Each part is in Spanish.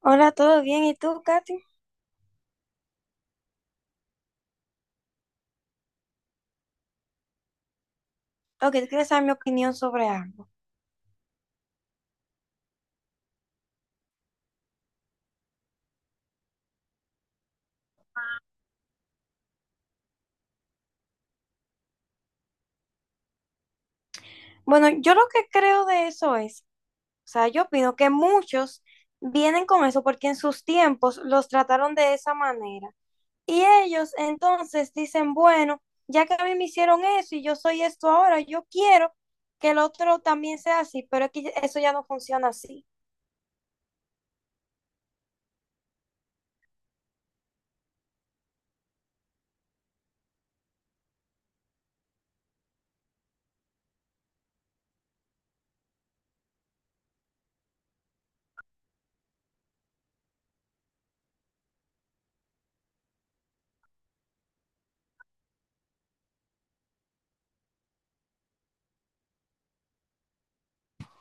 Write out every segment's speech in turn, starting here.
Hola, ¿todo bien? ¿Y tú, Katy? Ok, tú quieres saber mi opinión sobre algo. Bueno, yo lo que creo de eso es, o sea, yo opino que muchos vienen con eso porque en sus tiempos los trataron de esa manera. Y ellos entonces dicen, bueno, ya que a mí me hicieron eso y yo soy esto ahora, yo quiero que el otro también sea así, pero es que eso ya no funciona así.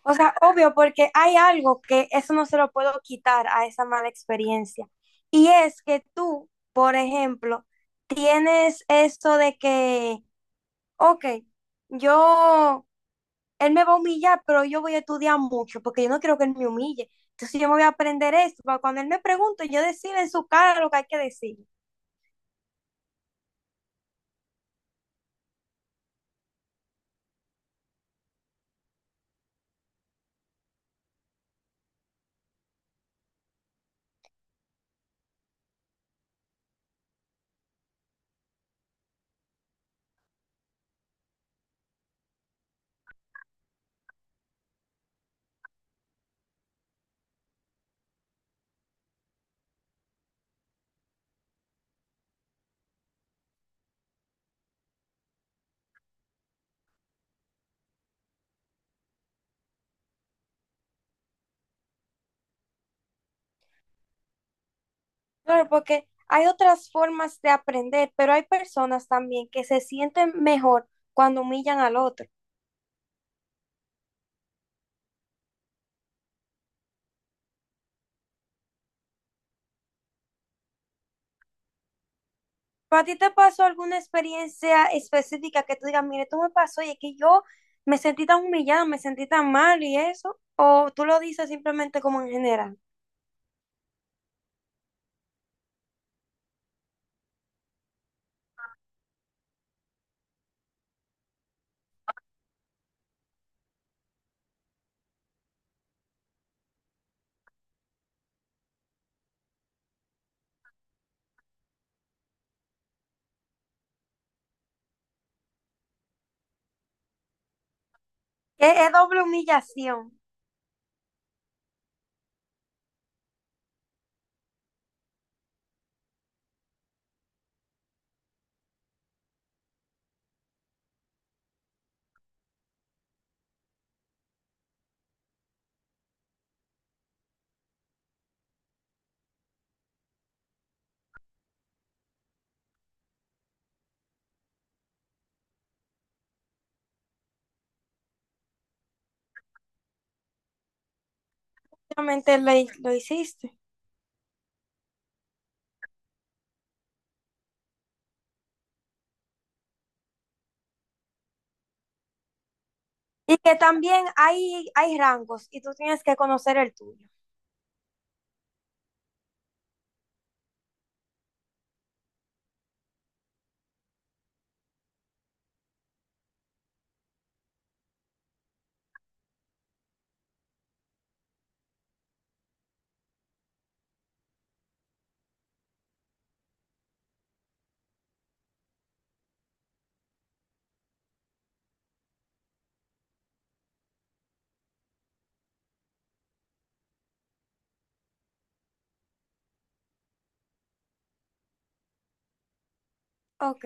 O sea, obvio, porque hay algo que eso no se lo puedo quitar a esa mala experiencia. Y es que tú, por ejemplo, tienes eso de que, ok, yo, él me va a humillar, pero yo voy a estudiar mucho porque yo no quiero que él me humille. Entonces yo me voy a aprender esto para cuando él me pregunte, yo decirle en su cara lo que hay que decir. Claro, porque hay otras formas de aprender, pero hay personas también que se sienten mejor cuando humillan al otro. ¿Pero a ti te pasó alguna experiencia específica que tú digas, mire, tú me pasó y es que yo me sentí tan humillada, me sentí tan mal y eso? ¿O tú lo dices simplemente como en general? Que es doble humillación, simplemente lo, lo hiciste. Y que también hay rangos y tú tienes que conocer el tuyo. Ok.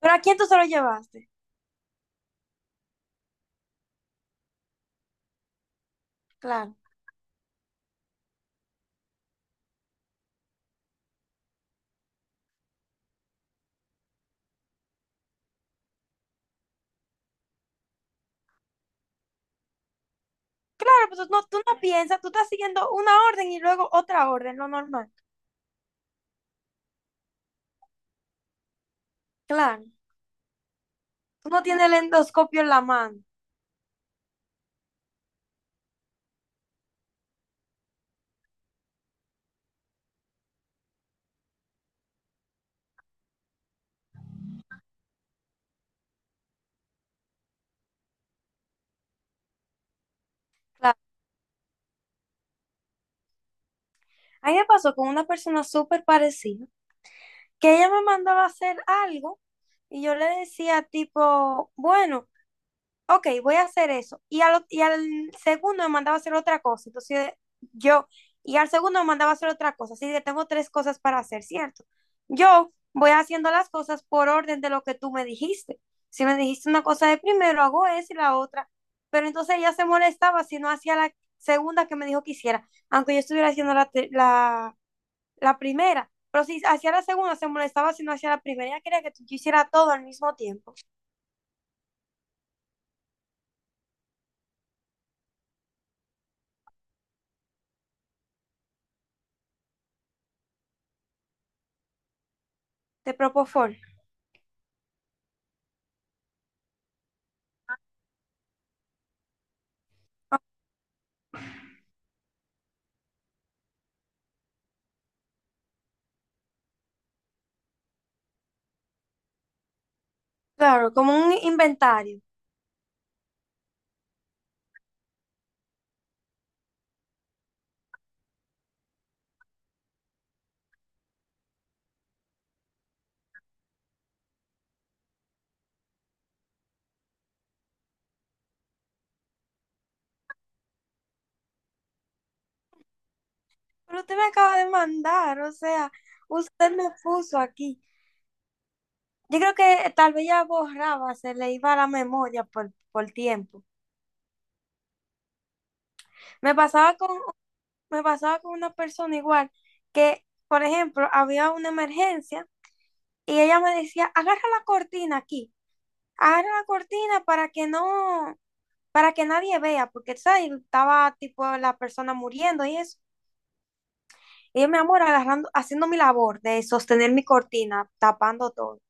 ¿Pero a quién tú se lo llevaste? Claro. Claro, pues tú no piensas, tú estás siguiendo una orden y luego otra orden, lo normal. Claro. Tú no tienes el endoscopio en la mano. Claro. A mí me pasó con una persona súper parecida, que ella me mandaba a hacer algo y yo le decía tipo, bueno, ok, voy a hacer eso. Y al segundo me mandaba a hacer otra cosa. Entonces yo, y al segundo me mandaba a hacer otra cosa. Así que tengo tres cosas para hacer, ¿cierto? Yo voy haciendo las cosas por orden de lo que tú me dijiste. Si me dijiste una cosa de primero, hago esa y la otra. Pero entonces ella se molestaba si no hacía la segunda que me dijo que hiciera, aunque yo estuviera haciendo la, te- la la primera. Pero si hacía la segunda, se molestaba si no hacía la primera. Ella quería que tú hicieras todo al mismo tiempo. Te propofol. Claro, como un inventario. Pero usted me acaba de mandar, o sea, usted me puso aquí. Yo creo que tal vez ya borraba, se le iba la memoria por tiempo. Me pasaba con, me pasaba con una persona igual que, por ejemplo, había una emergencia y ella me decía, agarra la cortina aquí, agarra la cortina para que no, para que nadie vea, porque ¿sabes? Estaba tipo la persona muriendo y eso. Y yo, mi amor, agarrando, haciendo mi labor de sostener mi cortina, tapando todo.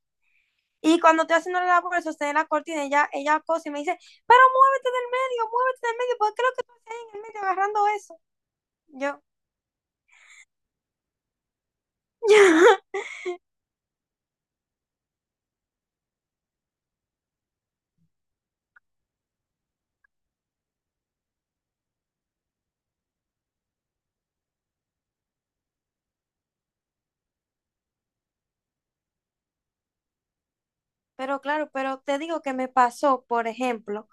Y cuando estoy haciendo la labor de sostener la cortina, ella cosa y me dice, pero muévete del medio, porque lo que tú estás en el medio agarrando eso. Yo, pero claro, pero te digo que me pasó, por ejemplo,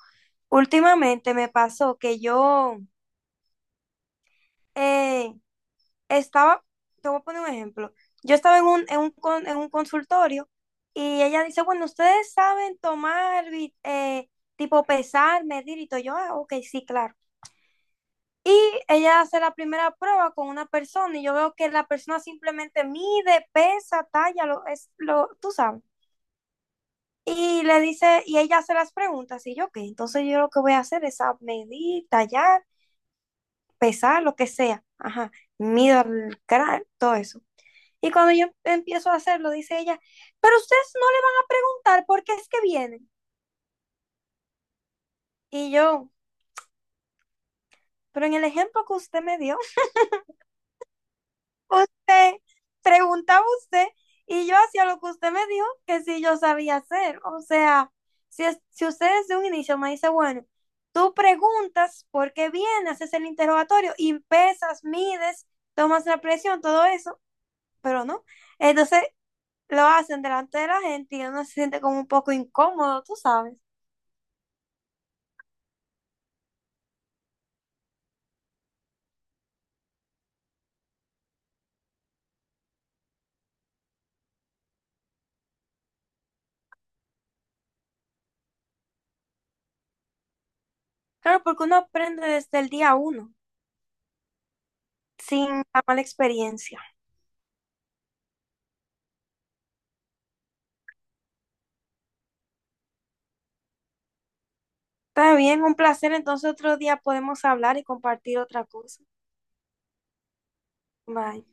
últimamente me pasó que yo eh, estaba, te voy a poner un ejemplo. Yo estaba en un, en un, en un consultorio y ella dice, bueno, ustedes saben tomar, tipo pesar, medir y todo. Yo, ah, ok, sí, claro. Y ella hace la primera prueba con una persona y yo veo que la persona simplemente mide, pesa, talla, lo, es, lo, tú sabes. Y le dice, y ella hace las preguntas y yo, ok, entonces yo lo que voy a hacer es a medir, tallar, pesar, lo que sea. Ajá, mido el cráneo, todo eso. Y cuando yo empiezo a hacerlo, dice ella, pero ustedes no le van a preguntar por qué es que vienen. Y yo, pero en el ejemplo que usted me dio, usted preguntaba usted y yo hacía lo que usted me dijo que sí yo sabía hacer. O sea, si, si usted desde un inicio me dice, bueno, tú preguntas por qué vienes, haces el interrogatorio y pesas, mides, tomas la presión, todo eso, pero no. Entonces lo hacen delante de la gente y uno se siente como un poco incómodo, tú sabes. Claro, porque uno aprende desde el día uno, sin la mala experiencia. Está bien, un placer. Entonces otro día podemos hablar y compartir otra cosa. Bye.